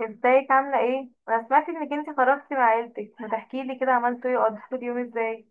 ازيك عاملة ايه؟ انا سمعت انك انتي خرجتي مع عيلتك، ما تحكيلي كده عملتوا ايه وقضيتوا اليوم ازاي؟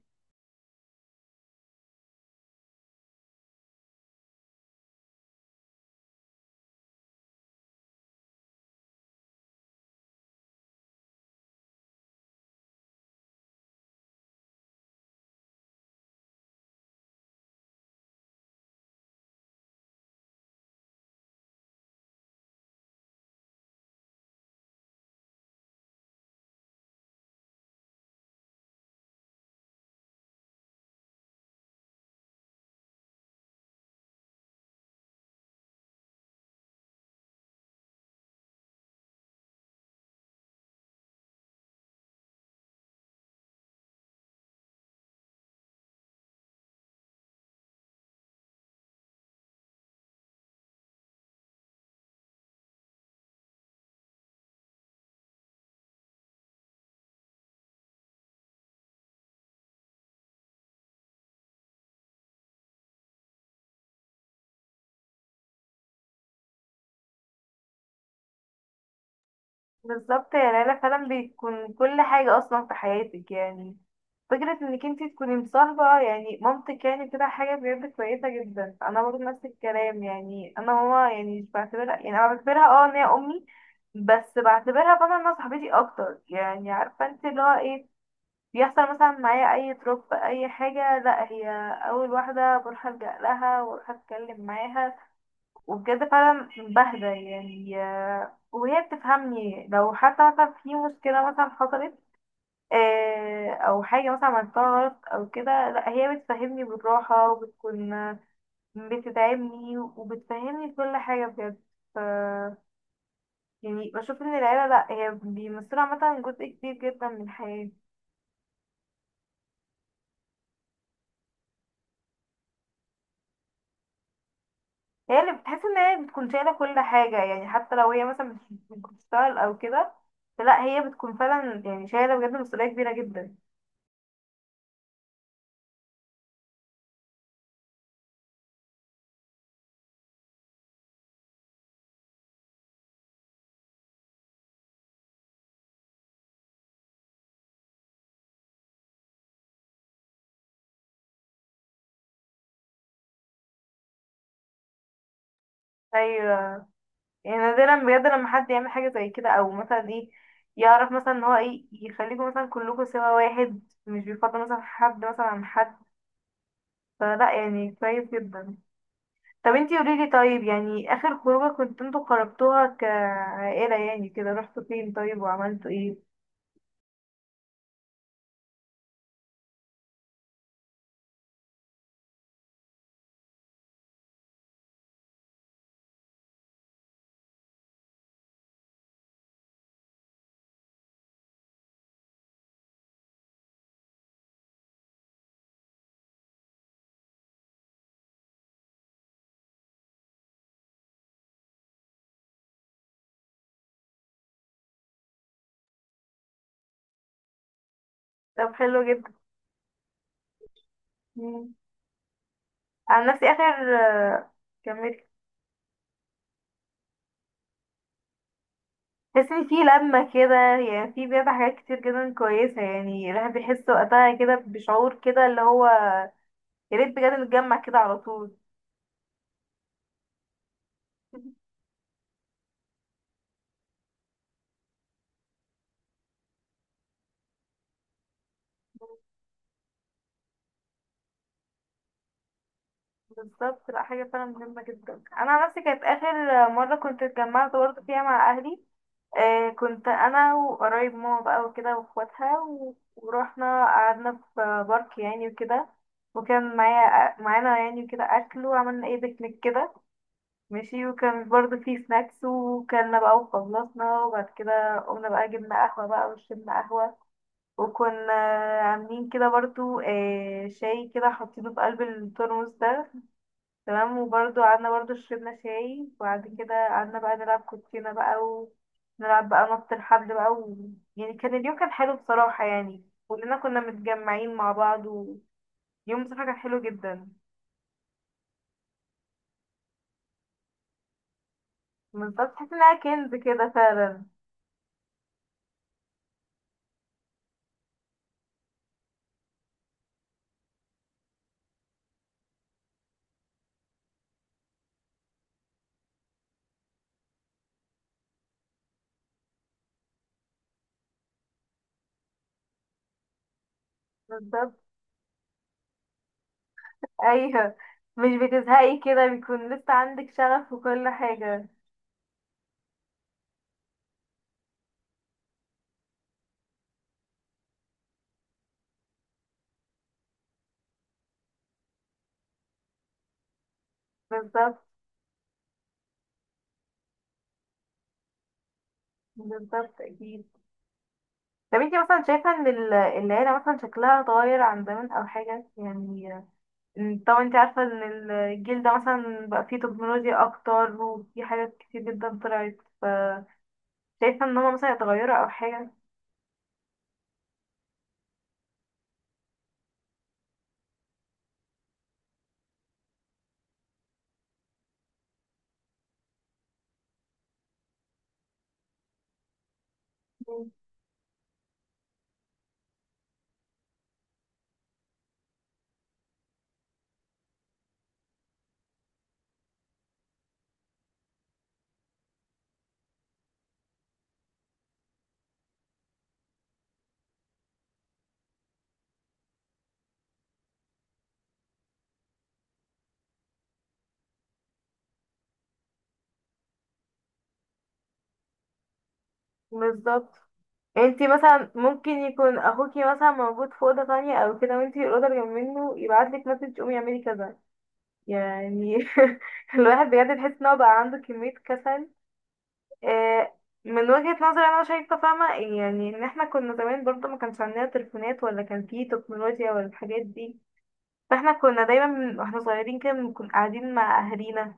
بالظبط يا ليلى، فعلا بتكون كل حاجة اصلا في حياتك. يعني فكرة انك انتي تكوني مصاحبة يعني مامتك يعني كده حاجة بجد كويسة جدا. انا برضه نفس الكلام، يعني انا ماما يعني مش بعتبرها، يعني انا بعتبرها اه ان هي امي، بس بعتبرها طبعا انها صاحبتي اكتر. يعني عارفة انت اللي هو ايه، بيحصل مثلا معايا اي دروب اي حاجه، لا هي اول واحده بروح الجا لها واروح اتكلم معاها، وبجد فعلا بهدى يعني. وهي بتفهمني لو حتى مثلا في مشكله مثلا حصلت، او حاجه مثلا عملتها غلط او كده، لا هي بتفهمني بالراحه وبتكون بتدعمني وبتفهمني كل حاجه بجد. ف يعني بشوف ان العيله لا هي بيمثلوا عامه جزء كبير جدا من الحياه. هي اللي بتحس ان هي بتكون شايله كل حاجه، يعني حتى لو هي مثلا مش بتشتغل او كده، فلا هي بتكون فعلا يعني شايله بجد مسؤوليه كبيره جدا. ايوه، يعني نادرا بجد لما حد يعمل حاجه زي كده، او مثلا ايه يعرف مثلا ان هو ايه يخليكم مثلا كلكم سوا واحد، مش بيفضل مثلا حد مثلا عن حد، فلا يعني كويس جدا. طب انتي قوليلي، طيب يعني اخر خروجه كنت انتوا خرجتوها كعائله يعني كده رحتوا فين طيب وعملتوا ايه؟ طب حلو جدا. عن نفسي اخر كملت. تحس ان في لمة كده، يعني في بجد حاجات كتير جدا كويسة. يعني الواحد بيحس وقتها كده بشعور كده اللي هو، يا ريت بجد نتجمع كده على طول. بالظبط، لا حاجة فعلا مهمة جدا. أنا عن نفسي كانت آخر مرة كنت اتجمعت برضه فيها مع أهلي. آه، كنت أنا وقرايب ماما بقى وكده وأخواتها ورحنا قعدنا في بارك يعني وكده، وكان معايا معانا يعني وكده أكل، وعملنا ايه بيكنيك كده، ماشي. وكان برضه في سناكس، وكلنا بقى وخلصنا، وبعد كده قمنا بقى جبنا قهوة بقى وشربنا قهوة. وكنا عاملين كده برضه شاي كده حاطينه في قلب الترمس ده، تمام، وبرضه قعدنا برضه شربنا شاي. وبعد كده قعدنا بقى نلعب كوتشينة بقى، ونلعب بقى نط الحبل بقى و... يعني كان اليوم كان حلو بصراحة. يعني كلنا كنا متجمعين مع بعض، ويوم بصراحة كان حلو جدا. بالظبط، تحس انها كنز كده فعلا. بالظبط، ايوه، مش بتزهقي كده، بيكون لسه عندك شغف وكل حاجة. بالظبط، بالظبط اكيد. طب انتي مثلا شايفة ان العيلة مثلا شكلها اتغير عن زمان او حاجة يعني؟ طبعا انتي عارفة ان الجيل ده مثلا بقى فيه تكنولوجيا اكتر، وفي حاجات كتير جدا طلعت. شايفة ان هما مثلا اتغيروا او حاجة؟ مم. بالظبط، انتي مثلا ممكن يكون اخوكي مثلا موجود في اوضه تانية او كده، وانتي الاوضه اللي جنب منه، يبعتلك مسج قومي اعملي كذا، يعني. الواحد بجد تحس ان هو بقى عنده كمية كسل. آه، من وجهة نظري انا شايفة فاهمة، يعني ان احنا كنا زمان برضه ما كانش عندنا تليفونات، ولا كان فيه تكنولوجيا ولا الحاجات دي. فاحنا كنا دايما واحنا صغيرين كده بنكون قاعدين مع اهالينا.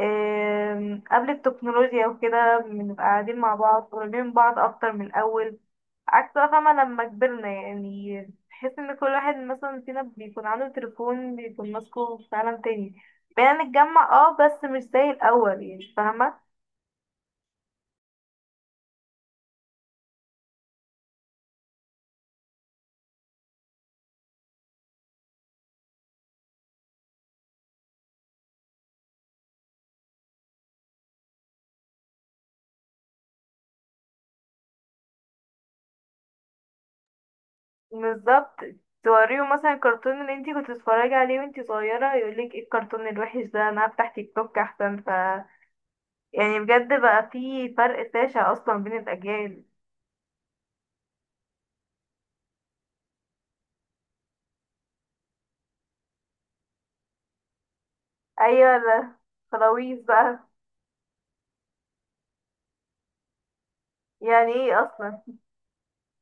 قبل التكنولوجيا وكده بنبقى قاعدين مع بعض، قريبين من بعض اكتر من الاول. عكس بقى، فاهمة، لما كبرنا يعني، تحس ان كل واحد مثلا فينا بيكون عنده تليفون، بيكون ماسكه في عالم تاني. بقينا نتجمع اه بس مش زي الأول، يعني فاهمة. بالظبط، توريه مثلا الكرتون اللي انتي كنت بتتفرجي عليه وانتي صغيرة، يقولك ايه الكرتون الوحش ده، انا هفتح تيك توك احسن. يعني بجد بقى في فرق شاسع اصلا بين الأجيال. ايوه لا، خلاويص بقى. يعني ايه اصلا؟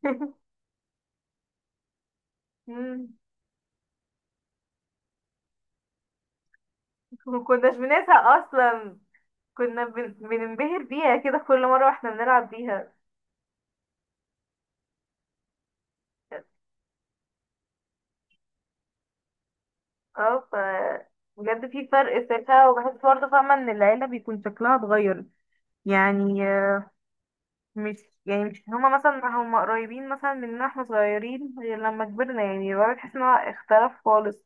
مم. مكناش بنزهق اصلا، كنا بننبهر بيها كده كل مرة واحنا بنلعب بيها. اه. بجد في فرق ساعتها، وبحس برضه فاهمة ان العيلة بيكون شكلها اتغير. يعني آه، مش يعني مش هما مثلا، هما قريبين مثلا مننا احنا صغيرين غير لما كبرنا، يعني بقى بتحس ان هو اختلف خالص.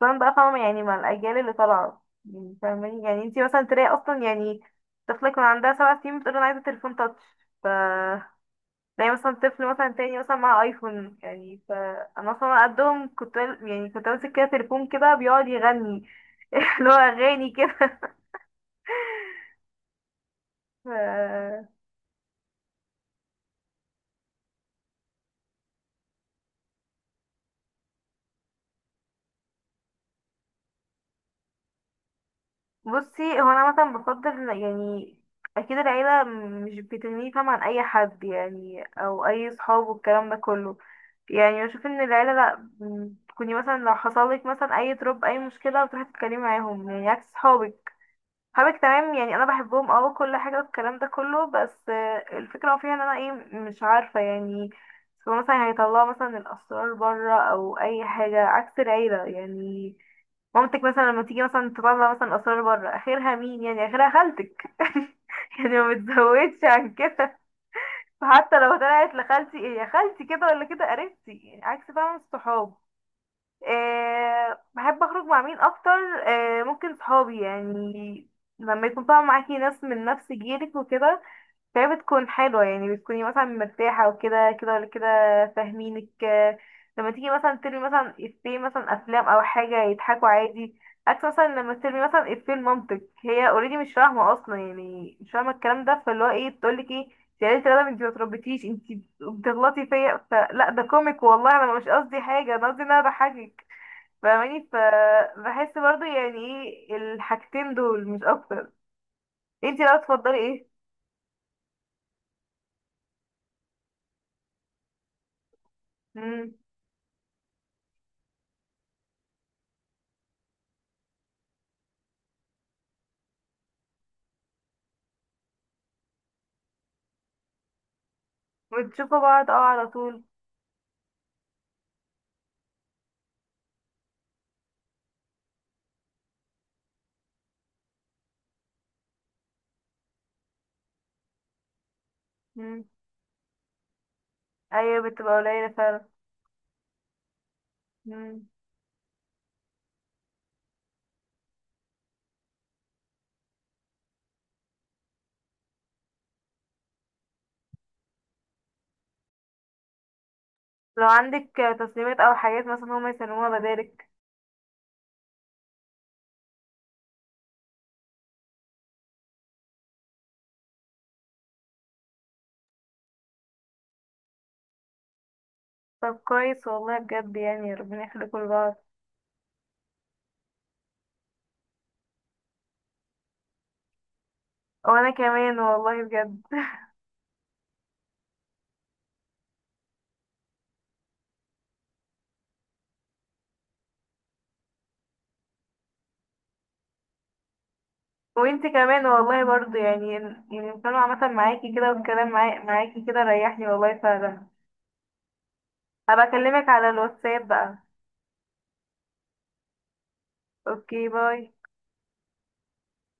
خصوصا بقى، فاهمة، يعني مع الأجيال اللي طالعة، يعني فاهماني، يعني انتي مثلا تلاقي اصلا يعني طفلة يكون عندها سبع سنين بتقول انا عايزة تليفون تاتش. ف زي مثلا طفل مثلا تاني مثلا مع ايفون. يعني فانا اصلا قدهم كنت يعني كنت ماسك كده تليفون كده بيقعد يغني، اللي هو اغاني كده. ف- بصي، هو انا مثلا بفضل يعني اكيد العيله مش بتغني، فاهمة، عن اي حد يعني او اي صحاب والكلام ده كله. يعني بشوف ان العيله لا، تكوني مثلا لو حصل لك مثلا اي تروب اي مشكله بتروحي تتكلمي معاهم، يعني عكس صحابك. حبك تمام يعني انا بحبهم اه كل حاجه والكلام ده كله، بس الفكره فيها ان انا ايه، مش عارفه، يعني هو مثلا هيطلعوا مثلا الاسرار بره او اي حاجه، عكس العيله يعني. مامتك مثلا لما تيجي مثلا تطلع مثلا اسرار بره، اخرها مين يعني؟ اخرها خالتك. يعني ما بتزودش عن كده. فحتى لو طلعت لخالتي، ايه يا خالتي كده ولا كده، قريبتي يعني، عكس فعلا الصحاب. أه، بحب اخرج مع مين اكتر؟ أه ممكن صحابي يعني، لما يكون طبعا معاكي ناس من نفس جيلك وكده، فهي بتكون حلوة يعني، بتكوني مثلا مرتاحة وكده كده ولا كده، فاهمينك. لما تيجي مثلا ترمي مثلا افيه مثلا افلام او حاجة يضحكوا عادي، عكس مثلا لما ترمي مثلا افيه لمامتك، هي اوريدي مش فاهمة اصلا، يعني مش فاهمة الكلام ده، فاللي هو ايه بتقولك ايه يا ريت يا رنا انتي ما تربيتيش انتي بتغلطي فيا، فلا ده كوميك والله، انا مش قصدي حاجة، انا قصدي ان انا بضحكك، فاهماني. فبحس برضو يعني ايه الحاجتين دول مش اكتر. انتي لو تفضلي ايه؟ مم. بتشوفوا بعض اه على طول. مم. ايوه، بتبقى قليلة فعلا. مم. لو عندك تسليمات او حاجات مثلا هما يسلموها بدالك. طب كويس والله، بجد يعني ربنا يخليكوا لبعض. وانا كمان والله بجد. وانتي كمان والله برضو يعني، يعني الكلام عامة معاكي كده، والكلام معاكي كده ريحني والله فعلا. هبقى اكلمك على الواتساب بقى. اوكي، باي.